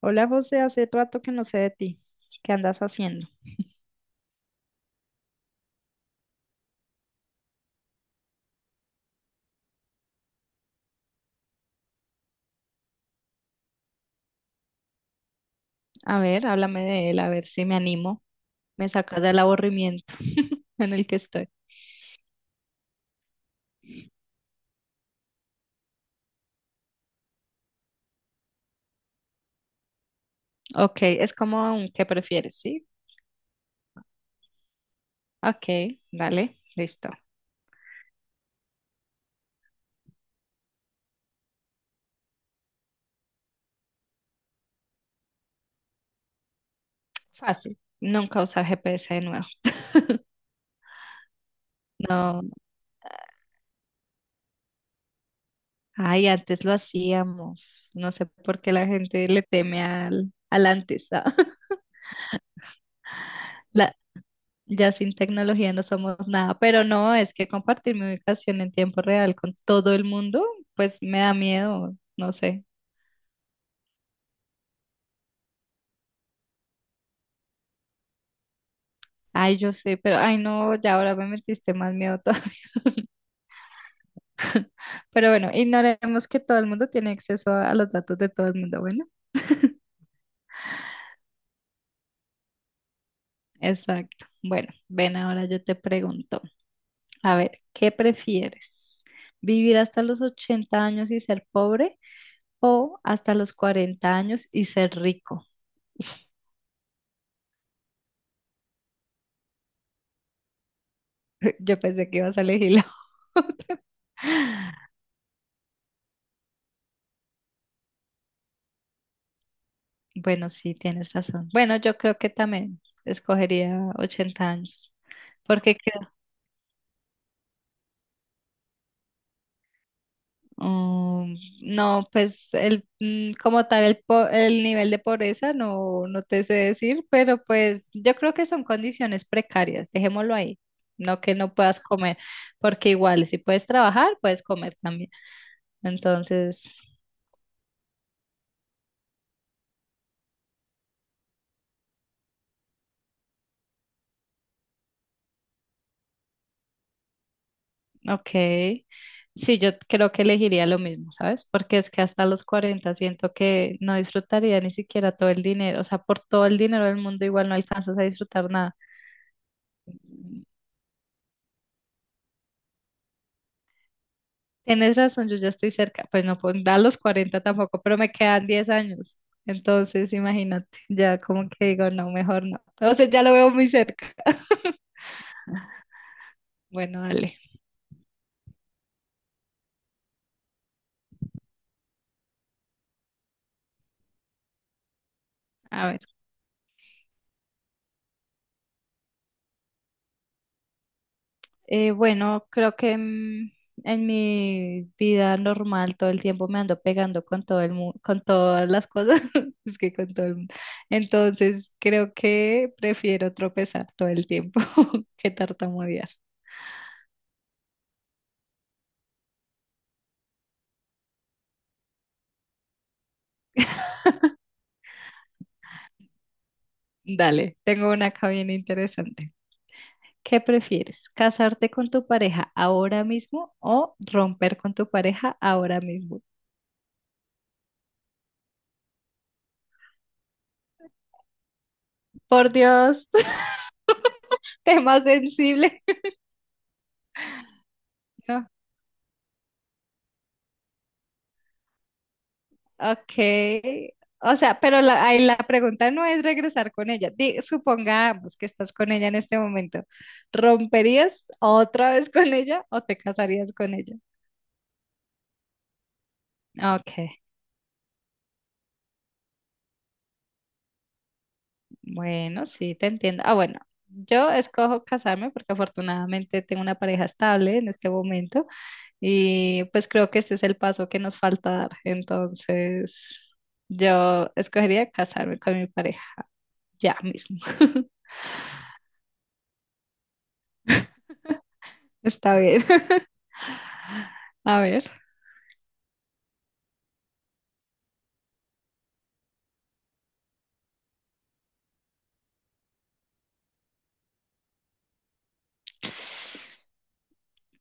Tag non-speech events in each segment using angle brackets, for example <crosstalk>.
Hola, José, hace rato que no sé de ti. ¿Qué andas haciendo? A ver, háblame de él, a ver si me animo. Me sacas del aburrimiento <laughs> en el que estoy. Ok, es como un ¿qué prefieres? ¿Sí? Ok, dale, listo. Fácil. Nunca usar GPS de nuevo. No. Ay, antes lo hacíamos. No sé por qué la gente le teme al antes. <laughs> La- Ya sin tecnología no somos nada, pero no, es que compartir mi ubicación en tiempo real con todo el mundo, pues me da miedo, no sé. Ay, yo sé, pero ay no, ya ahora me metiste más miedo todo. <laughs> Pero bueno, ignoremos que todo el mundo tiene acceso a los datos de todo el mundo, bueno. Exacto. Bueno, ven, ahora yo te pregunto, a ver, ¿qué prefieres? ¿Vivir hasta los 80 años y ser pobre o hasta los 40 años y ser rico? Yo pensé que ibas a elegir la <laughs> otra. Bueno, sí, tienes razón. Bueno, yo creo que también escogería 80 años. Porque creo, um, no, pues el como tal el nivel de pobreza no, no te sé decir, pero pues yo creo que son condiciones precarias, dejémoslo ahí. No que no puedas comer, porque igual si puedes trabajar, puedes comer también. Entonces, ok. Sí, yo creo que elegiría lo mismo, ¿sabes? Porque es que hasta los 40 siento que no disfrutaría ni siquiera todo el dinero. O sea, por todo el dinero del mundo igual no alcanzas a disfrutar nada. Tienes razón, yo ya estoy cerca. Pues no, pues da los 40 tampoco, pero me quedan 10 años. Entonces, imagínate, ya como que digo, no, mejor no. O sea, ya lo veo muy cerca. Bueno, dale. A ver. Bueno, creo que en mi vida normal todo el tiempo me ando pegando con todo el con todas las cosas, <laughs> es que con todo el mundo. Entonces, creo que prefiero tropezar todo el tiempo <laughs> que tartamudear. Dale, tengo una acá bien interesante. ¿Qué prefieres? ¿Casarte con tu pareja ahora mismo o romper con tu pareja ahora mismo? Por Dios, <laughs> tema sensible. No, ok. O sea, pero la, ahí la pregunta no es regresar con ella. Supongamos que estás con ella en este momento. ¿Romperías otra vez con ella o te casarías con ella? Ok, bueno, sí, te entiendo. Ah, bueno, yo escojo casarme porque afortunadamente tengo una pareja estable en este momento y pues creo que ese es el paso que nos falta dar. Entonces, yo escogería casarme con mi pareja ya mismo. <laughs> Está bien. <laughs> A ver.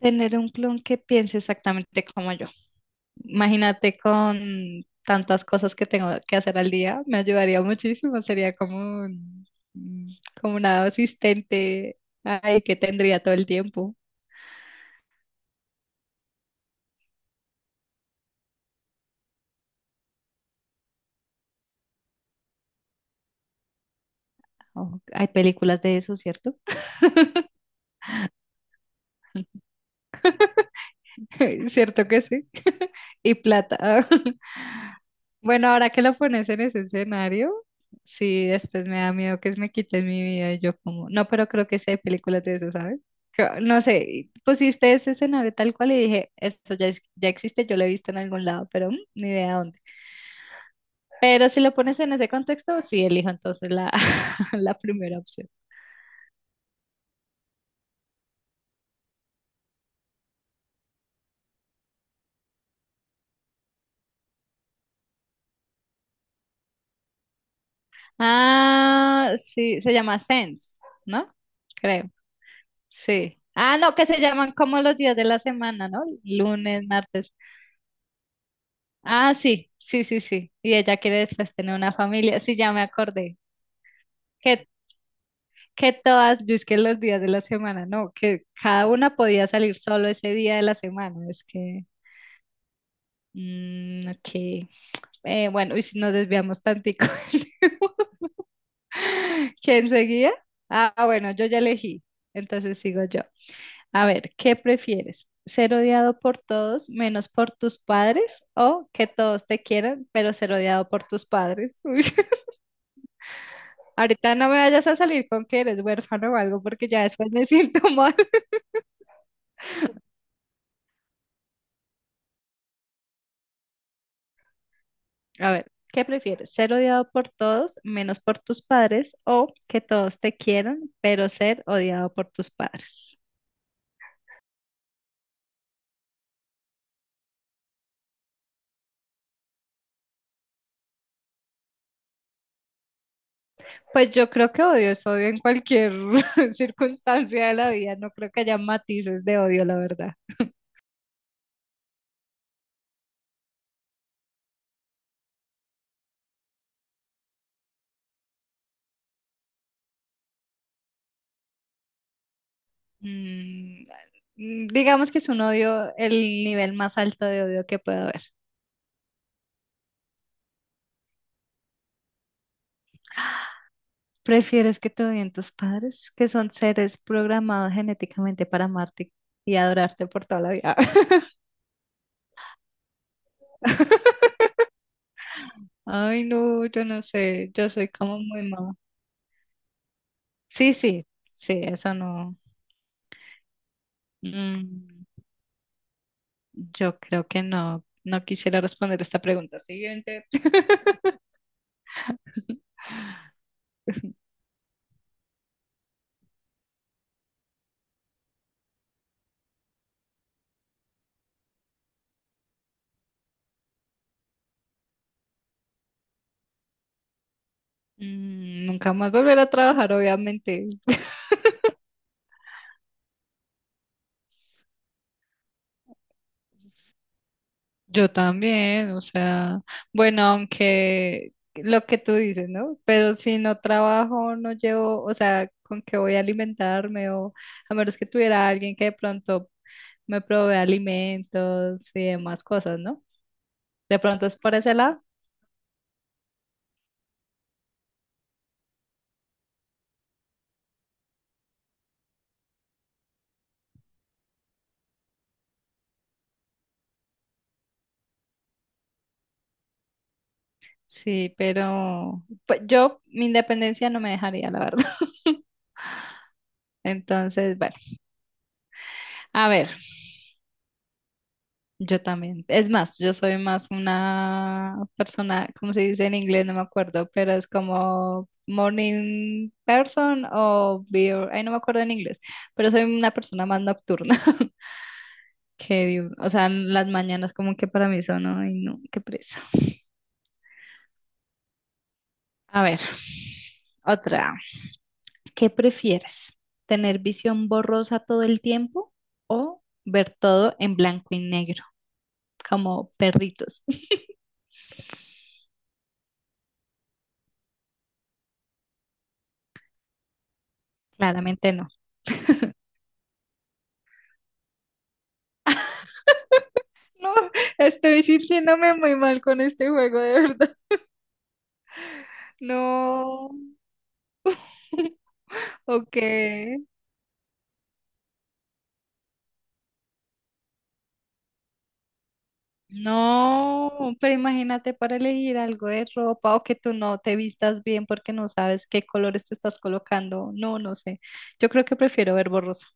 Tener un clon que piense exactamente como yo. Imagínate con tantas cosas que tengo que hacer al día, me ayudaría muchísimo. Sería como un- como una asistente ay, que tendría todo el tiempo. Oh, hay películas de eso, ¿cierto? <laughs> Cierto que sí. <laughs> Y plata. <laughs> Bueno, ahora que lo pones en ese escenario, sí, después me da miedo que me quiten mi vida y yo como, no, pero creo que sí hay películas de eso, ¿sabes? No sé, y pusiste ese escenario tal cual y dije, esto ya, ya existe, yo lo he visto en algún lado, pero ni idea dónde. Pero si lo pones en ese contexto, sí, elijo entonces la, <laughs> la primera opción. Ah, sí, se llama Sense, ¿no? Creo. Sí. Ah, no, que se llaman como los días de la semana, ¿no? Lunes, martes. Ah, sí, sí, sí, sí. Y ella quiere después tener una familia. Sí, ya me acordé. Que, que todas, yo es que los días de la semana, no, que cada una podía salir solo ese día de la semana. Es que, ok. Bueno, y si nos desviamos tantico. <laughs> ¿Quién seguía? Ah, bueno, yo ya elegí. Entonces sigo yo. A ver, ¿qué prefieres? ¿Ser odiado por todos menos por tus padres o que todos te quieran, pero ser odiado por tus padres? <laughs> Uy, ahorita no me vayas a salir con que eres huérfano o algo porque ya después me siento mal. <laughs> A ver, ¿qué prefieres? ¿Ser odiado por todos menos por tus padres o que todos te quieran, pero ser odiado por tus padres? Pues yo creo que odio es odio en cualquier <laughs> circunstancia de la vida. No creo que haya matices de odio, la verdad. Mm, digamos que es un odio, el nivel más alto de odio que puede haber. ¿Prefieres que te odien tus padres, que son seres programados genéticamente para amarte y adorarte por toda la vida? <laughs> Ay, no, yo no sé, yo soy como muy mamá. Sí, sí, sí, eso no. Mm, yo creo que no, no quisiera responder esta pregunta siguiente. <laughs> Nunca más volver a trabajar, obviamente. Yo también, o sea, bueno, aunque lo que tú dices, ¿no? Pero si no trabajo, no llevo, o sea, ¿con qué voy a alimentarme? O a menos que tuviera alguien que de pronto me provee alimentos y demás cosas, ¿no? De pronto es por ese lado, sí, pero pues, yo mi independencia no me dejaría, la verdad. <laughs> Entonces, bueno, a ver. Yo también. Es más, yo soy más una persona, ¿cómo se dice en inglés? No me acuerdo, pero es como morning person o beer. Ay, no me acuerdo en inglés, pero soy una persona más nocturna <laughs> que O sea, las mañanas como que para mí son, ay, no, qué presa. A ver, otra. ¿Qué prefieres? ¿Tener visión borrosa todo el tiempo o ver todo en blanco y negro, como perritos? <laughs> Claramente no. No, estoy sintiéndome muy mal con este juego, de verdad. No, ok. No, pero imagínate para elegir algo de ropa o que tú no te vistas bien porque no sabes qué colores te estás colocando. No, no sé. Yo creo que prefiero ver borroso.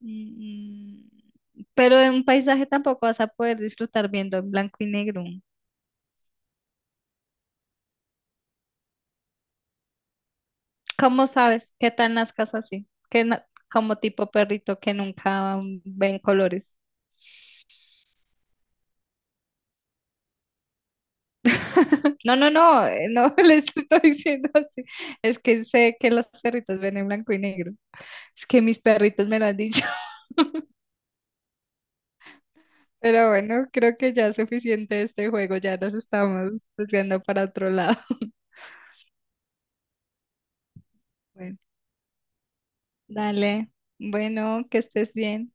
Mm, Pero en un paisaje tampoco vas a poder disfrutar viendo en blanco y negro. ¿Cómo sabes qué tal las casas así? Que como tipo perrito que nunca ven colores. No, no, no, no <laughs> les estoy diciendo así. Es que sé que los perritos ven en blanco y negro. Es que mis perritos me lo han dicho. <laughs> Pero bueno, creo que ya es suficiente de este juego. Ya nos estamos desviando para otro lado. <laughs> Bueno, dale. Bueno, que estés bien.